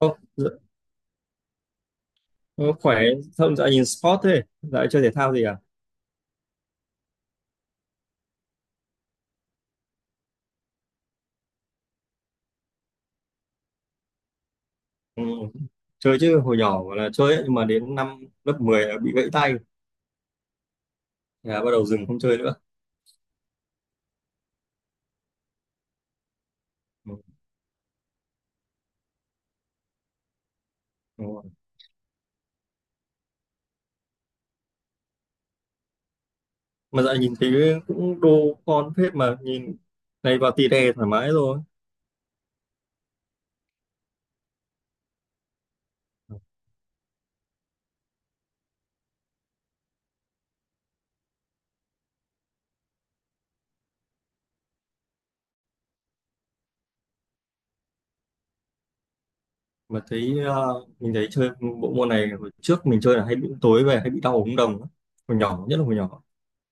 Ô, dạ, ô, khỏe không? Dạo nhìn sport thế, dạo chơi thể thao gì à? Ừ, chơi chứ, hồi nhỏ gọi là chơi ấy, nhưng mà đến năm lớp 10 là bị gãy tay. Thế là bắt đầu dừng không chơi nữa. Ừ, đúng rồi. Mà dạo nhìn thấy cũng đô con phết, mà nhìn này vào tì đè thoải mái rồi. Mà thấy mình thấy chơi bộ môn này hồi trước, mình chơi là hay bị tối về hay bị đau ống đồng á. Hồi nhỏ, nhất là hồi nhỏ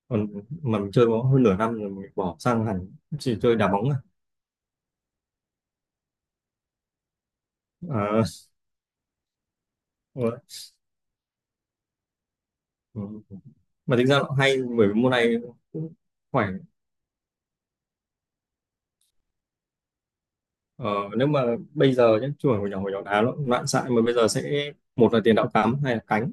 còn, mà mình chơi có hơn nửa năm rồi mình bỏ, sang hẳn chỉ chơi đá bóng à. À, ừ, mà tính ra nó hay bởi vì môn này cũng khỏe. ờ, Nếu mà bây giờ nhé, chứ hồi nhỏ đá nó cũng loạn xạ, mà bây giờ sẽ một là tiền đạo cắm hay là cánh.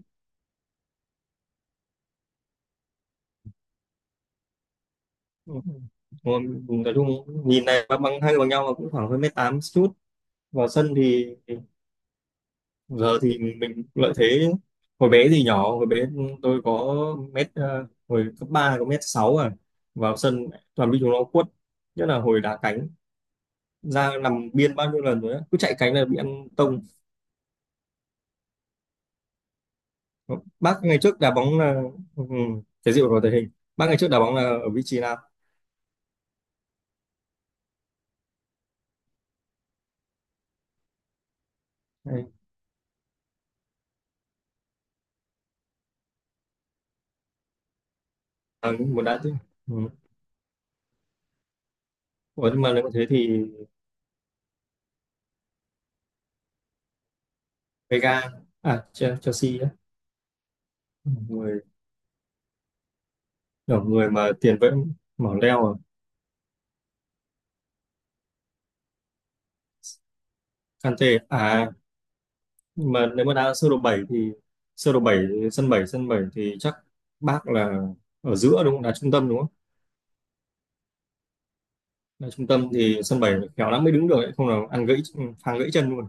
Ừ. Còn nói chung nhìn này bằng bằng- hai người bằng nhau, mà cũng khoảng hơn mét tám chút, vào sân thì giờ thì mình lợi thế. Hồi bé thì nhỏ, hồi bé tôi có mét, hồi cấp 3 có mét sáu à, vào sân toàn bị chúng nó quất, nhất là hồi đá cánh, ra nằm biên bao nhiêu lần rồi á, cứ chạy cánh là bị ăn tông. Bác ngày trước đá bóng là, ừ, cái gì mà thể hình. Bác ngày trước đá bóng là ở vị trí nào? Hay- À, muốn đá chứ. Ừ. Ủa, nhưng mà nếu thế thì Vega, à, Chelsea á. Ừ, người kiểu người mà tiền vệ mỏ leo à. Kante à? À, nhưng mà nếu mà đá sơ đồ 7 thì, sơ đồ bảy, sân bảy, sân 7 thì chắc bác là ở giữa đúng không? Đá trung tâm đúng không? Đá trung tâm thì sân 7 khéo lắm mới đứng được ấy, không là ăn gãy, phang gãy chân luôn.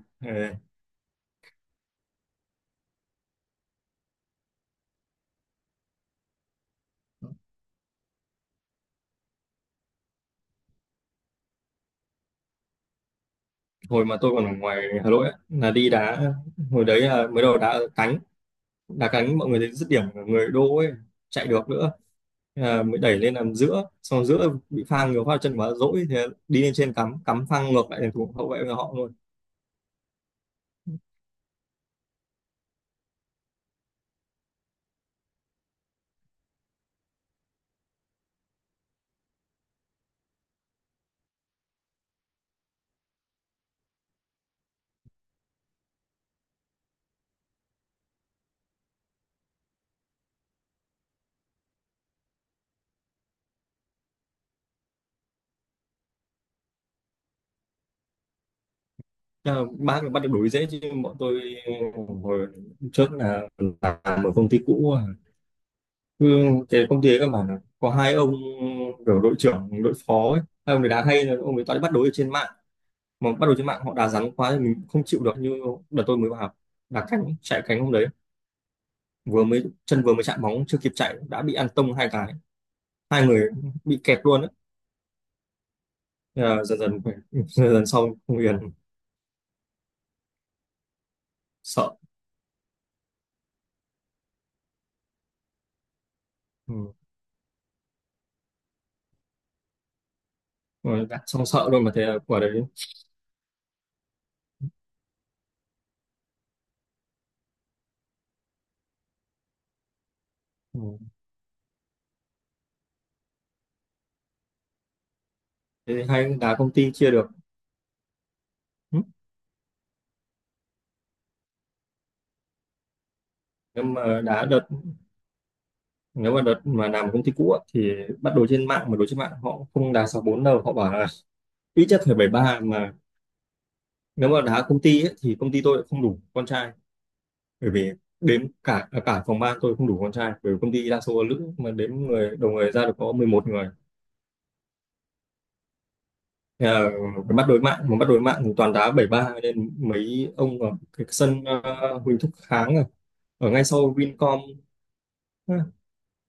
Hồi mà tôi còn ở ngoài Hà Nội á, là đi đá, hồi đấy là mới đầu đá ở cánh, đá cánh mọi người thấy dứt điểm của người đô ấy, chạy được nữa. Thế là mới đẩy lên làm giữa, xong rồi giữa bị phang nhiều phát chân quá dỗi, thì đi lên trên cắm, cắm phang ngược lại thành thủ hậu vệ của họ luôn. Thế là bác bắt được đuổi dễ chứ bọn tôi hồi trước là làm ở công ty cũ à. Cứ cái công ty ấy các bạn ạ, có hai ông kiểu đội trưởng đội phó ấy, hai ông ấy đá hay là ông ấy toàn đi bắt đối ở trên mạng, mà bắt đầu trên mạng họ đá rắn quá thì mình không chịu được. Như đợt tôi mới vào học, đá cánh, chạy cánh hôm đấy vừa mới chân vừa mới chạm bóng chưa kịp chạy đã bị ăn tông hai cái, hai người bị kẹt luôn á. Thế là dần dần phải, dần dần sau không yên, sợ. Ừ, rồi đá xong sợ luôn, mà thế là quả đấy. Ừ, thế thì hay đá công ty chia được. Ừ, nhưng mà đá đợt, nếu mà đợt mà làm ở công ty cũ á, thì bắt đầu trên mạng mà đối trên mạng họ không đá sáu bốn đâu, họ bảo là ít nhất phải bảy ba. Mà nếu mà đá công ty ấy, thì công ty tôi lại không đủ con trai, bởi vì đến cả, à, cả phòng ban tôi không đủ con trai bởi vì công ty đa số là nữ, mà đếm người đầu người ra được có 11 người. Thế là cái bắt đối mạng, mà bắt đối mạng thì toàn đá bảy ba, nên mấy ông ở cái sân, Huỳnh Thúc Kháng à, ở ngay sau Vincom á,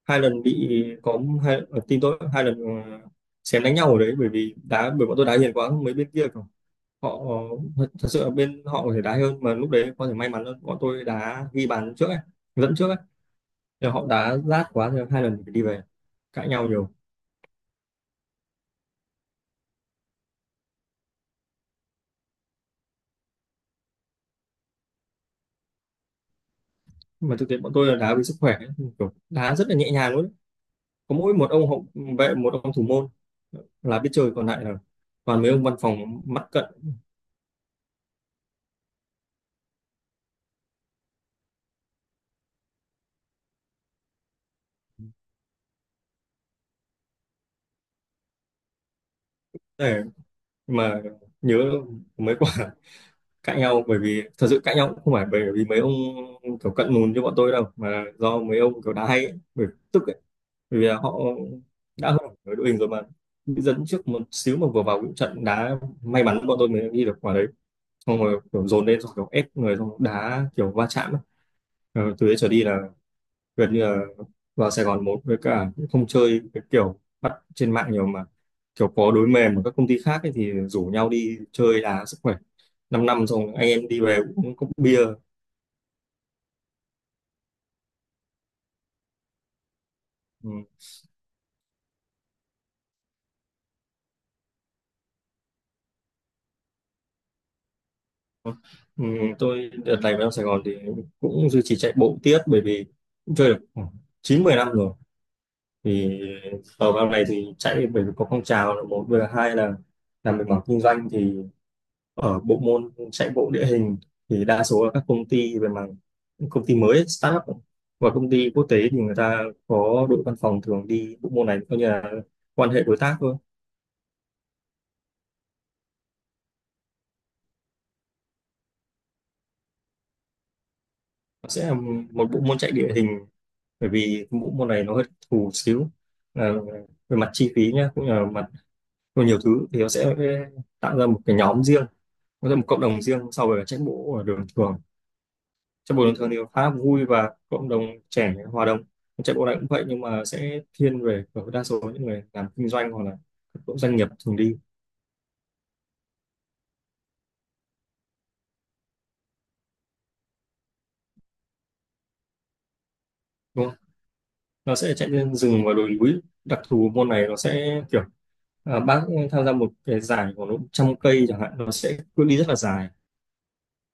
hai lần bị, có hai ở team tôi hai lần, xém đánh nhau ở đấy bởi vì đá, bởi bọn tôi đá hiền quá, mấy bên kia kiểu họ, thật sự là bên họ có thể đá hơn, mà lúc đấy có thể may mắn hơn bọn tôi đá ghi bàn trước ấy, dẫn trước ấy. Nhưng họ đá rát quá thì hai lần phải đi về, cãi nhau nhiều. Nhưng mà thực tế bọn tôi là đá vì sức khỏe ấy. Kiểu đá rất là nhẹ nhàng luôn ấy. Có mỗi một ông hậu vệ, một ông thủ môn là biết chơi, còn lại là toàn mấy ông văn phòng mắt cận. Để mà nhớ mấy quả cãi nhau, bởi vì thật sự cãi nhau cũng không phải bởi vì mấy ông kiểu cận lùn như bọn tôi đâu, mà do mấy ông kiểu đá hay ấy, bởi tức ấy, bởi vì là họ đã hơn ở đội hình rồi mà bị dẫn trước một xíu, mà vừa vào cũng trận đá may mắn bọn tôi mới ghi được quả đấy, xong rồi kiểu dồn lên, xong kiểu ép người, xong đá kiểu va chạm ấy. Ờ, từ đấy trở đi là gần như là vào Sài Gòn một với cả không chơi cái kiểu bắt trên mạng nhiều, mà kiểu có đối mềm ở các công ty khác ấy, thì rủ nhau đi chơi đá sức khỏe 5 năm năm xong anh em đi về cũng cốc bia. Ừ. Ừ, tôi đợt này vào Sài Gòn thì cũng duy trì chạy bộ tiếp, bởi vì cũng chơi được khoảng 9 10 năm rồi thì ở vào này thì chạy, bởi vì có phong trào là một, vừa là hai là làm về mảng kinh doanh thì ở bộ môn chạy bộ địa hình thì đa số là các công ty về mảng công ty mới ấy, startup và công ty quốc tế thì người ta có đội văn phòng thường đi bộ môn này coi như là quan hệ đối tác thôi. Nó sẽ là một bộ môn chạy địa hình, bởi vì bộ môn này nó hơi thù xíu, là về mặt chi phí nhá cũng như là mặt về nhiều thứ, thì nó sẽ tạo ra một cái nhóm riêng, nó ra một cộng đồng riêng so với chạy bộ ở đường thường. Chạy bộ bình thường thì khá vui và cộng đồng trẻ hòa đồng. Chạy bộ này cũng vậy, nhưng mà sẽ thiên về ở đa số những người làm kinh doanh hoặc là các cộng doanh nghiệp thường đi. Đúng không, nó sẽ chạy lên rừng và đồi núi, đặc thù môn này nó sẽ kiểu, à, bác tham gia một cái giải của nó trăm cây chẳng hạn, nó sẽ cự ly rất là dài.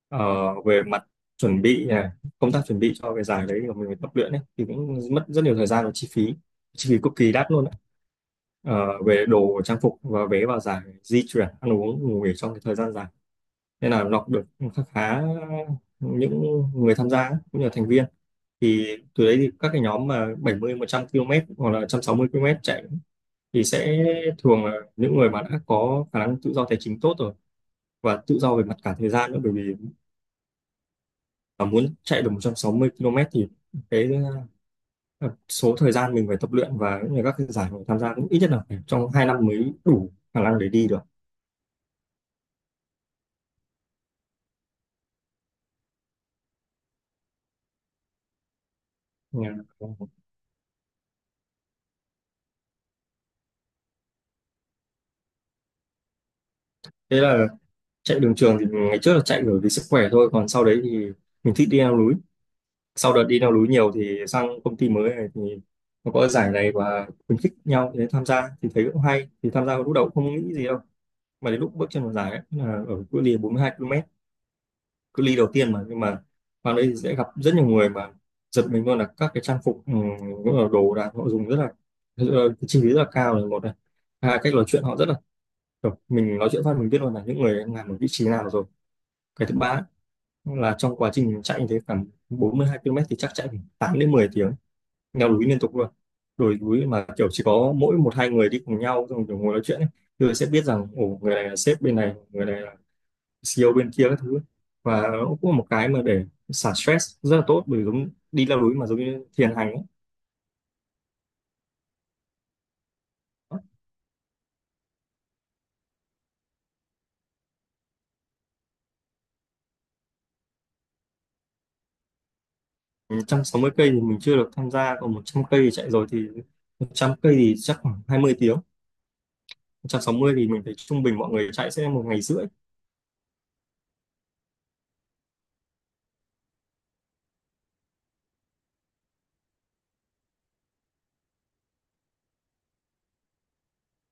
Ờ, về mặt chuẩn bị này, công tác chuẩn bị cho cái giải đấy của mình tập luyện ấy, thì cũng mất rất nhiều thời gian và chi phí, chi phí cực kỳ đắt luôn đấy, ờ, về đồ trang phục và vé vào giải, di chuyển, ăn uống, ngủ nghỉ trong cái thời gian dài, nên là lọc được khá khá những người tham gia ấy, cũng như là thành viên, thì từ đấy thì các cái nhóm mà 70 100 km hoặc là 160 km chạy thì sẽ thường là những người mà đã có khả năng tự do tài chính tốt rồi và tự do về mặt cả thời gian nữa. Bởi vì mà muốn chạy được 160 km thì cái, ờ, số thời gian mình phải tập luyện và cũng như các cái giải mình tham gia cũng ít nhất là phải trong 2 năm mới đủ khả năng để đi được. Yeah. Thế là chạy đường trường thì ngày trước là chạy bởi vì sức khỏe thôi, còn sau đấy thì mình thích đi leo núi, sau đợt đi leo núi nhiều thì sang công ty mới này thì nó có giải này và khuyến khích nhau để tham gia thì thấy cũng hay thì tham gia, lúc đầu cũng không nghĩ gì đâu. Mà đến lúc bước chân vào giải ấy, là ở cự ly 42 km, cự ly đầu tiên mà, nhưng mà vào đây thì sẽ gặp rất nhiều người mà giật mình luôn là các cái trang phục, ừ, cũng là đồ đạc họ dùng rất là, cái chi phí rất là cao là một này, hai cách nói chuyện họ rất là kiểu, mình nói chuyện phát mình biết luôn là những người đang làm ở vị trí nào rồi. Cái thứ ba là trong quá trình chạy như thế, khoảng 42 km thì chắc chạy khoảng 8 đến 10 tiếng, leo núi liên tục luôn, đồi núi mà kiểu chỉ có mỗi một hai người đi cùng nhau xong kiểu ngồi nói chuyện ấy, thì sẽ biết rằng ồ người này là sếp bên này, người này là CEO bên kia các thứ. Và nó cũng là một cái mà để xả stress rất là tốt, bởi vì giống đi leo núi mà giống như thiền hành ấy. 160 cây thì mình chưa được tham gia, còn 100 cây thì chạy rồi thì 100 cây thì chắc khoảng 20 tiếng, một trăm sáu mươi thì mình thấy trung bình mọi người chạy sẽ một ngày rưỡi.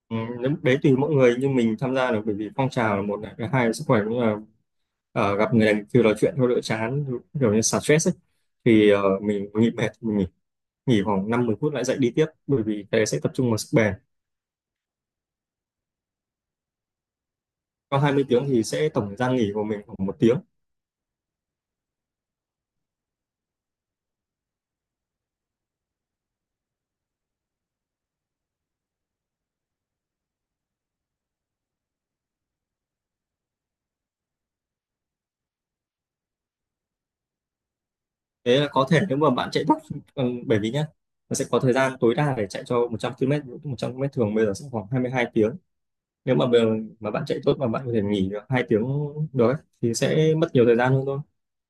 Ừ, đấy tùy mỗi người, nhưng mình tham gia được bởi vì phong trào là một này, cái hai là sức khỏe, cũng là, gặp người này kêu nói chuyện thôi đỡ chán, kiểu như xả stress ấy, thì mình nghỉ mệt mình nghỉ, nghỉ khoảng năm mười phút lại dậy đi tiếp, bởi vì cái đấy sẽ tập trung vào sức bền. Sau 20 tiếng thì sẽ tổng thời gian nghỉ của mình khoảng một tiếng. Thế là có thể, nếu mà bạn chạy tốc, ừ, bởi vì nhá, nó sẽ có thời gian tối đa để chạy cho 100 km 100 mét, một trăm ki lô mét thường bây giờ sẽ khoảng 22 tiếng. Nếu mà mà bạn chạy tốt mà bạn có thể nghỉ được hai tiếng được, thì sẽ mất nhiều thời gian hơn thôi,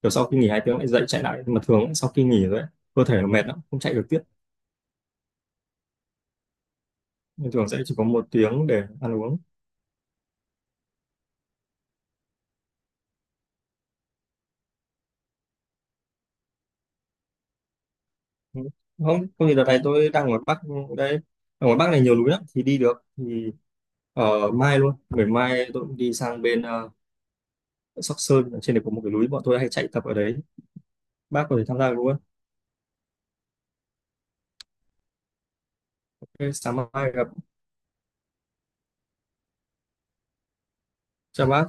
kiểu sau khi nghỉ hai tiếng lại dậy chạy lại. Mà thường ấy, sau khi nghỉ rồi ấy, cơ thể nó mệt lắm không chạy được tiếp, nên thường sẽ chỉ có một tiếng để ăn uống. Ừ, không không thì đợt này tôi đang ở ngoài Bắc đây, ở ngoài Bắc này nhiều núi lắm thì đi được thì ở mai luôn, ngày mai tôi cũng đi sang bên, Sóc Sơn ở trên này có một cái núi bọn tôi hay chạy tập ở đấy, bác có thể tham gia được luôn. OK, sáng mai gặp. Chào bác.